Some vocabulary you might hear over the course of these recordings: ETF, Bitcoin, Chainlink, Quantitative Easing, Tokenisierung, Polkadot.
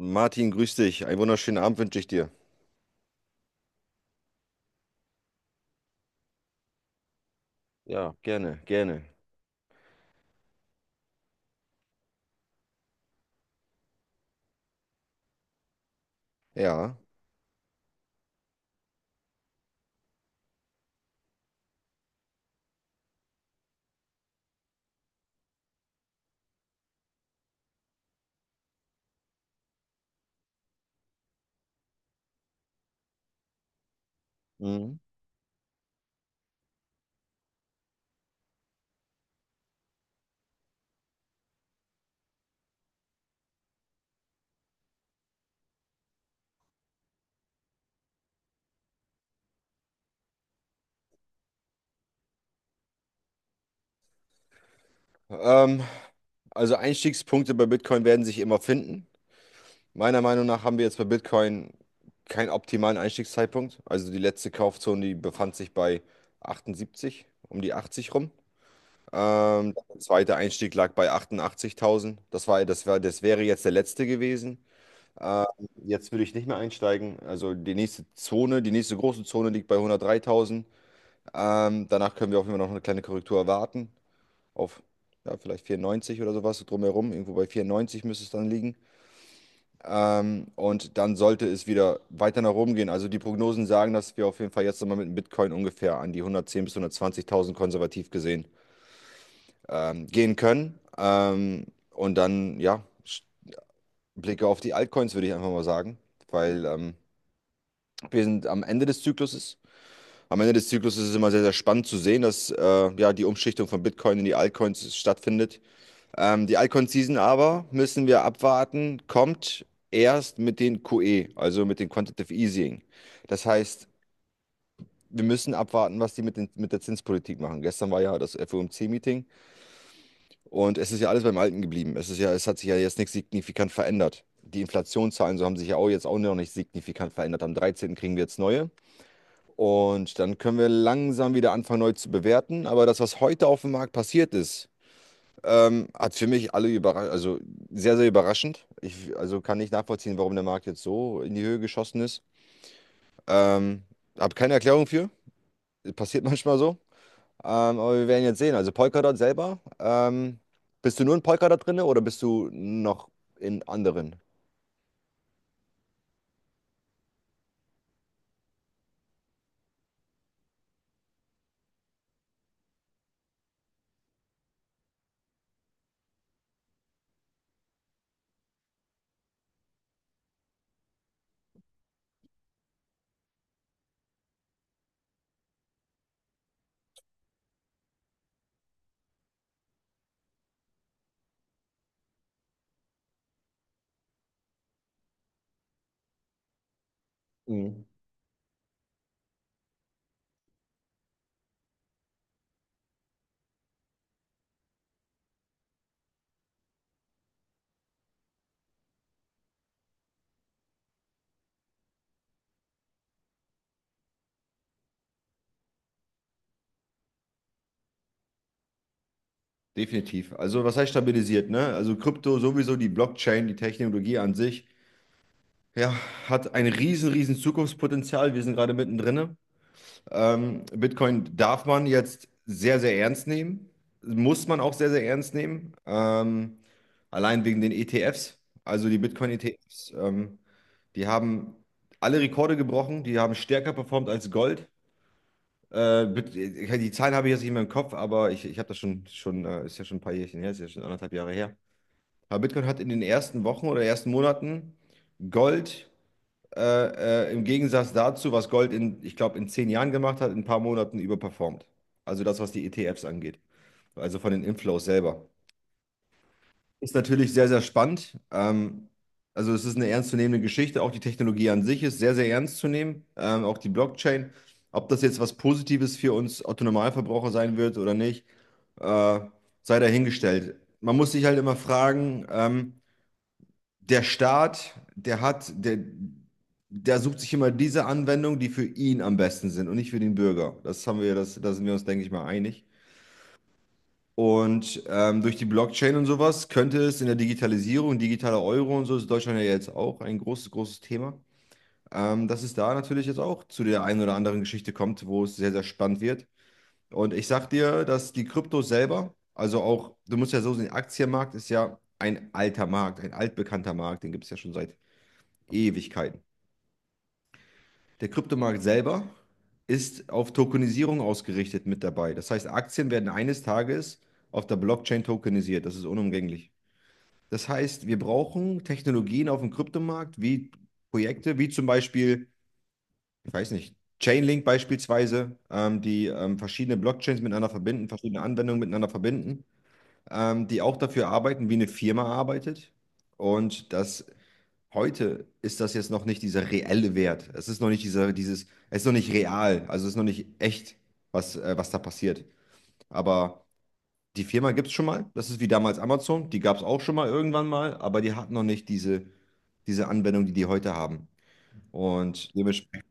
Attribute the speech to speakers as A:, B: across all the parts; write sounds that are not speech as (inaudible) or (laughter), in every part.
A: Martin, grüß dich. Einen wunderschönen Abend wünsche ich dir. Ja, gerne, gerne. Ja. Mhm. Ähm, also Einstiegspunkte bei Bitcoin werden sich immer finden. Meiner Meinung nach haben wir jetzt bei Bitcoin keinen optimalen Einstiegszeitpunkt. Also die letzte Kaufzone, die befand sich bei 78, um die 80 rum. Der zweite Einstieg lag bei 88.000. Das wäre jetzt der letzte gewesen. Ähm, Jetzt würde ich nicht mehr einsteigen. Also die nächste Zone, die nächste große Zone liegt bei 103.000. Danach können wir auch immer noch eine kleine Korrektur erwarten. Auf Ja, vielleicht 94 oder sowas, so drumherum. Irgendwo bei 94 müsste es dann liegen. Und dann sollte es wieder weiter nach oben gehen. Also die Prognosen sagen, dass wir auf jeden Fall jetzt nochmal mit dem Bitcoin ungefähr an die 110.000 bis 120.000 konservativ gesehen gehen können. Und dann, ja, Blicke auf die Altcoins, würde ich einfach mal sagen. Weil wir sind am Ende des Zykluses. Am Ende des Zyklus ist es immer sehr, sehr spannend zu sehen, dass ja, die Umschichtung von Bitcoin in die Altcoins stattfindet. Die Altcoin-Season aber, müssen wir abwarten, kommt erst mit den QE, also mit dem Quantitative Easing. Das heißt, wir müssen abwarten, was die mit der Zinspolitik machen. Gestern war ja das FOMC-Meeting und es ist ja alles beim Alten geblieben. Es hat sich ja jetzt nichts signifikant verändert. Die Inflationszahlen, so haben sich ja auch jetzt auch noch nicht signifikant verändert. Am 13. kriegen wir jetzt neue. Und dann können wir langsam wieder anfangen, neu zu bewerten. Aber das, was heute auf dem Markt passiert ist, hat für mich alle überrascht, also sehr, sehr überraschend. Also kann nicht nachvollziehen, warum der Markt jetzt so in die Höhe geschossen ist. Ähm, Habe keine Erklärung für. Passiert (laughs) manchmal so. Aber wir werden jetzt sehen. Also Polkadot selber, bist du nur in Polkadot drin oder bist du noch in anderen? Mhm. Definitiv. Also was heißt stabilisiert, ne? Also Krypto sowieso, die Blockchain, die Technologie an sich ja, hat ein riesen, riesen Zukunftspotenzial. Wir sind gerade mittendrin. Bitcoin darf man jetzt sehr, sehr ernst nehmen. Muss man auch sehr, sehr ernst nehmen. Allein wegen den ETFs. Also die Bitcoin-ETFs, die haben alle Rekorde gebrochen. Die haben stärker performt als Gold. Die Zahlen habe ich jetzt nicht mehr im Kopf, aber ich habe das schon, ist ja schon ein paar Jährchen her, ist ja schon anderthalb Jahre her. Aber Bitcoin hat in den ersten Wochen oder ersten Monaten Gold im Gegensatz dazu, was Gold in, ich glaube, in 10 Jahren gemacht hat, in ein paar Monaten überperformt. Also das, was die ETFs angeht. Also von den Inflows selber. Ist natürlich sehr, sehr spannend. Also es ist eine ernstzunehmende Geschichte. Auch die Technologie an sich ist sehr, sehr ernst zu nehmen. Auch die Blockchain. Ob das jetzt was Positives für uns Autonormalverbraucher sein wird oder nicht, äh, sei dahingestellt. Man muss sich halt immer fragen, der Staat, der sucht sich immer diese Anwendungen, die für ihn am besten sind und nicht für den Bürger. Das haben wir, das, da sind wir uns, denke ich mal, einig. Und durch die Blockchain und sowas könnte es in der Digitalisierung, digitaler Euro und so, ist Deutschland ja jetzt auch ein großes, großes Thema, dass es da natürlich jetzt auch zu der einen oder anderen Geschichte kommt, wo es sehr, sehr spannend wird. Und ich sag dir, dass die Kryptos selber, also auch, du musst ja so sehen, Aktienmarkt ist ja ein alter Markt, ein altbekannter Markt, den gibt es ja schon seit Ewigkeiten. Der Kryptomarkt selber ist auf Tokenisierung ausgerichtet mit dabei. Das heißt, Aktien werden eines Tages auf der Blockchain tokenisiert. Das ist unumgänglich. Das heißt, wir brauchen Technologien auf dem Kryptomarkt wie Projekte, wie zum Beispiel, ich weiß nicht, Chainlink beispielsweise, die verschiedene Blockchains miteinander verbinden, verschiedene Anwendungen miteinander verbinden, die auch dafür arbeiten, wie eine Firma arbeitet. Und das heute ist das jetzt noch nicht dieser reelle Wert. Es ist noch nicht real, also es ist noch nicht echt, was da passiert. Aber die Firma gibt es schon mal. Das ist wie damals Amazon. Die gab es auch schon mal irgendwann mal, aber die hat noch nicht diese Anwendung, die die heute haben. Und dementsprechend.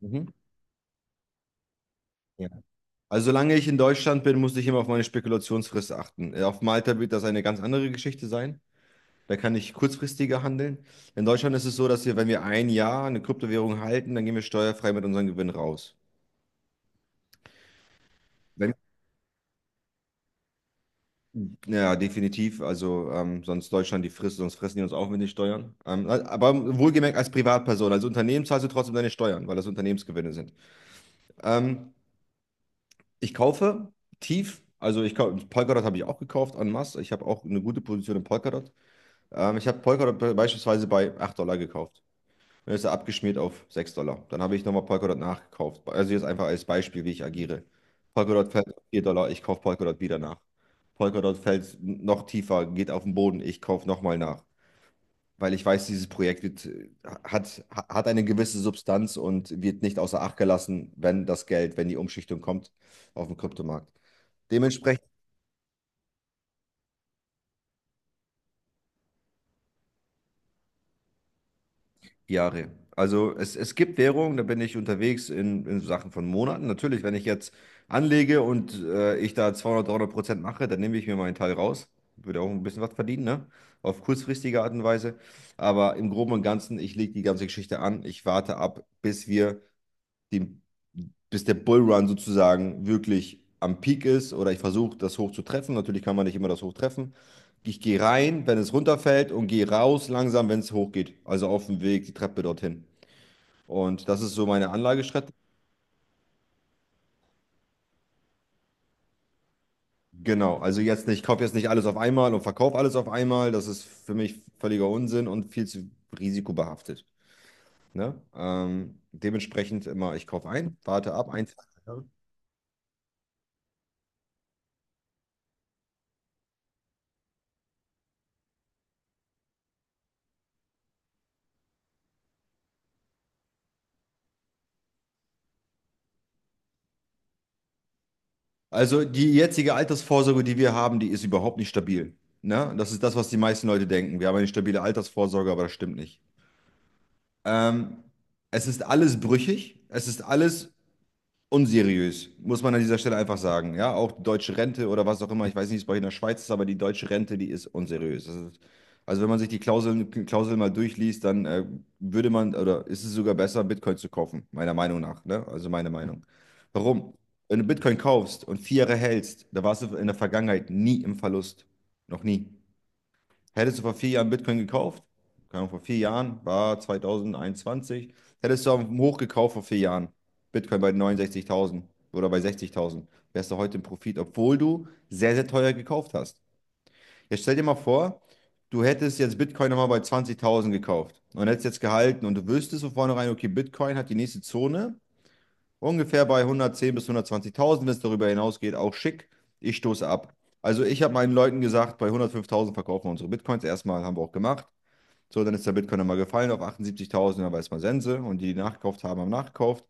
A: Mhm. Ja. Also solange ich in Deutschland bin, muss ich immer auf meine Spekulationsfrist achten. Auf Malta wird das eine ganz andere Geschichte sein. Da kann ich kurzfristiger handeln. In Deutschland ist es so, dass wir, wenn wir ein Jahr eine Kryptowährung halten, dann gehen wir steuerfrei mit unserem Gewinn raus. Wenn, Ja, definitiv. Also sonst fressen die uns auf mit den Steuern. Aber wohlgemerkt als Privatperson, als Unternehmen zahlst du trotzdem deine Steuern, weil das Unternehmensgewinne sind. Ähm, Ich kaufe tief, Polkadot habe ich auch gekauft en masse. Ich habe auch eine gute Position in Polkadot. Ich habe Polkadot beispielsweise bei $8 gekauft. Dann ist er abgeschmiert auf $6. Dann habe ich nochmal Polkadot nachgekauft. Also jetzt einfach als Beispiel, wie ich agiere. Polkadot fällt auf $4, ich kaufe Polkadot wieder nach. Polkadot fällt noch tiefer, geht auf den Boden, ich kaufe nochmal nach. Weil ich weiß, dieses Projekt hat eine gewisse Substanz und wird nicht außer Acht gelassen, wenn das Geld, wenn die Umschichtung kommt auf dem Kryptomarkt. Dementsprechend Jahre. Also es gibt Währungen, da bin ich unterwegs in, so Sachen von Monaten. Natürlich, wenn ich jetzt anlege und ich da 200, 300% mache, dann nehme ich mir meinen Teil raus. Würde auch ein bisschen was verdienen, ne? Auf kurzfristige Art und Weise. Aber im Groben und Ganzen, ich lege die ganze Geschichte an. Ich warte ab, den, bis der Bullrun sozusagen wirklich am Peak ist oder ich versuche das hoch zu treffen. Natürlich kann man nicht immer das hoch treffen. Ich gehe rein, wenn es runterfällt und gehe raus langsam, wenn es hochgeht. Also auf dem Weg, die Treppe dorthin. Und das ist so meine Anlagestrategie. Genau, also jetzt nicht, ich kaufe jetzt nicht alles auf einmal und verkaufe alles auf einmal. Das ist für mich völliger Unsinn und viel zu risikobehaftet. Ne? Dementsprechend immer, ich kaufe ein, warte ab, ein, zwei Jahre. Also die jetzige Altersvorsorge, die wir haben, die ist überhaupt nicht stabil. Ne? Das ist das, was die meisten Leute denken. Wir haben eine stabile Altersvorsorge, aber das stimmt nicht. Ähm, Es ist alles brüchig, es ist alles unseriös, muss man an dieser Stelle einfach sagen. Ja, auch die deutsche Rente oder was auch immer, ich weiß nicht, wie es bei euch in der Schweiz ist, aber die deutsche Rente, die ist unseriös. Das ist, also wenn man sich die Klauseln mal durchliest, dann würde man, oder ist es sogar besser, Bitcoin zu kaufen, meiner Meinung nach. Ne? Also meine Meinung. Warum? Wenn du Bitcoin kaufst und 4 Jahre hältst, da warst du in der Vergangenheit nie im Verlust. Noch nie. Hättest du vor 4 Jahren Bitcoin gekauft, keine Ahnung, vor 4 Jahren, war 2021, hättest du am Hoch gekauft vor 4 Jahren, Bitcoin bei 69.000 oder bei 60.000, wärst du heute im Profit, obwohl du sehr, sehr teuer gekauft hast. Jetzt stell dir mal vor, du hättest jetzt Bitcoin nochmal bei 20.000 gekauft und hättest jetzt gehalten und du wüsstest von vornherein, okay, Bitcoin hat die nächste Zone ungefähr bei 110 bis 120.000, wenn es darüber hinausgeht, auch schick. Ich stoße ab. Also ich habe meinen Leuten gesagt, bei 105.000 verkaufen wir unsere Bitcoins. Erstmal haben wir auch gemacht. So, dann ist der Bitcoin mal gefallen auf 78.000, dann weiß man Sense. Und die, die nachgekauft haben, haben nachgekauft,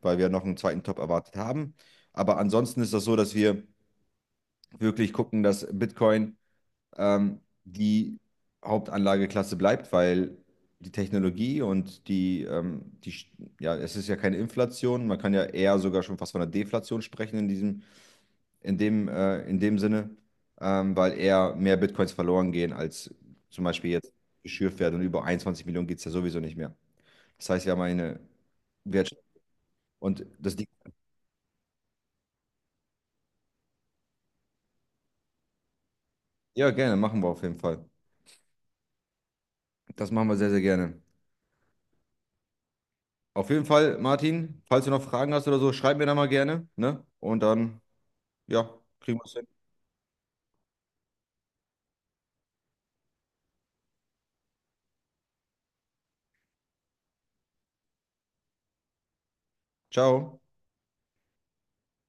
A: weil wir noch einen zweiten Top erwartet haben. Aber ansonsten ist das so, dass wir wirklich gucken, dass Bitcoin die Hauptanlageklasse bleibt, weil die Technologie und ja, es ist ja keine Inflation, man kann ja eher sogar schon fast von einer Deflation sprechen in dem Sinne, weil eher mehr Bitcoins verloren gehen, als zum Beispiel jetzt geschürft werden und über 21 Millionen geht es ja sowieso nicht mehr. Das heißt ja, meine Wertschöpfung und das, ja, gerne, machen wir auf jeden Fall. Das machen wir sehr, sehr gerne. Auf jeden Fall, Martin, falls du noch Fragen hast oder so, schreib mir da mal gerne, ne? Und dann, ja, kriegen wir es hin. Ciao.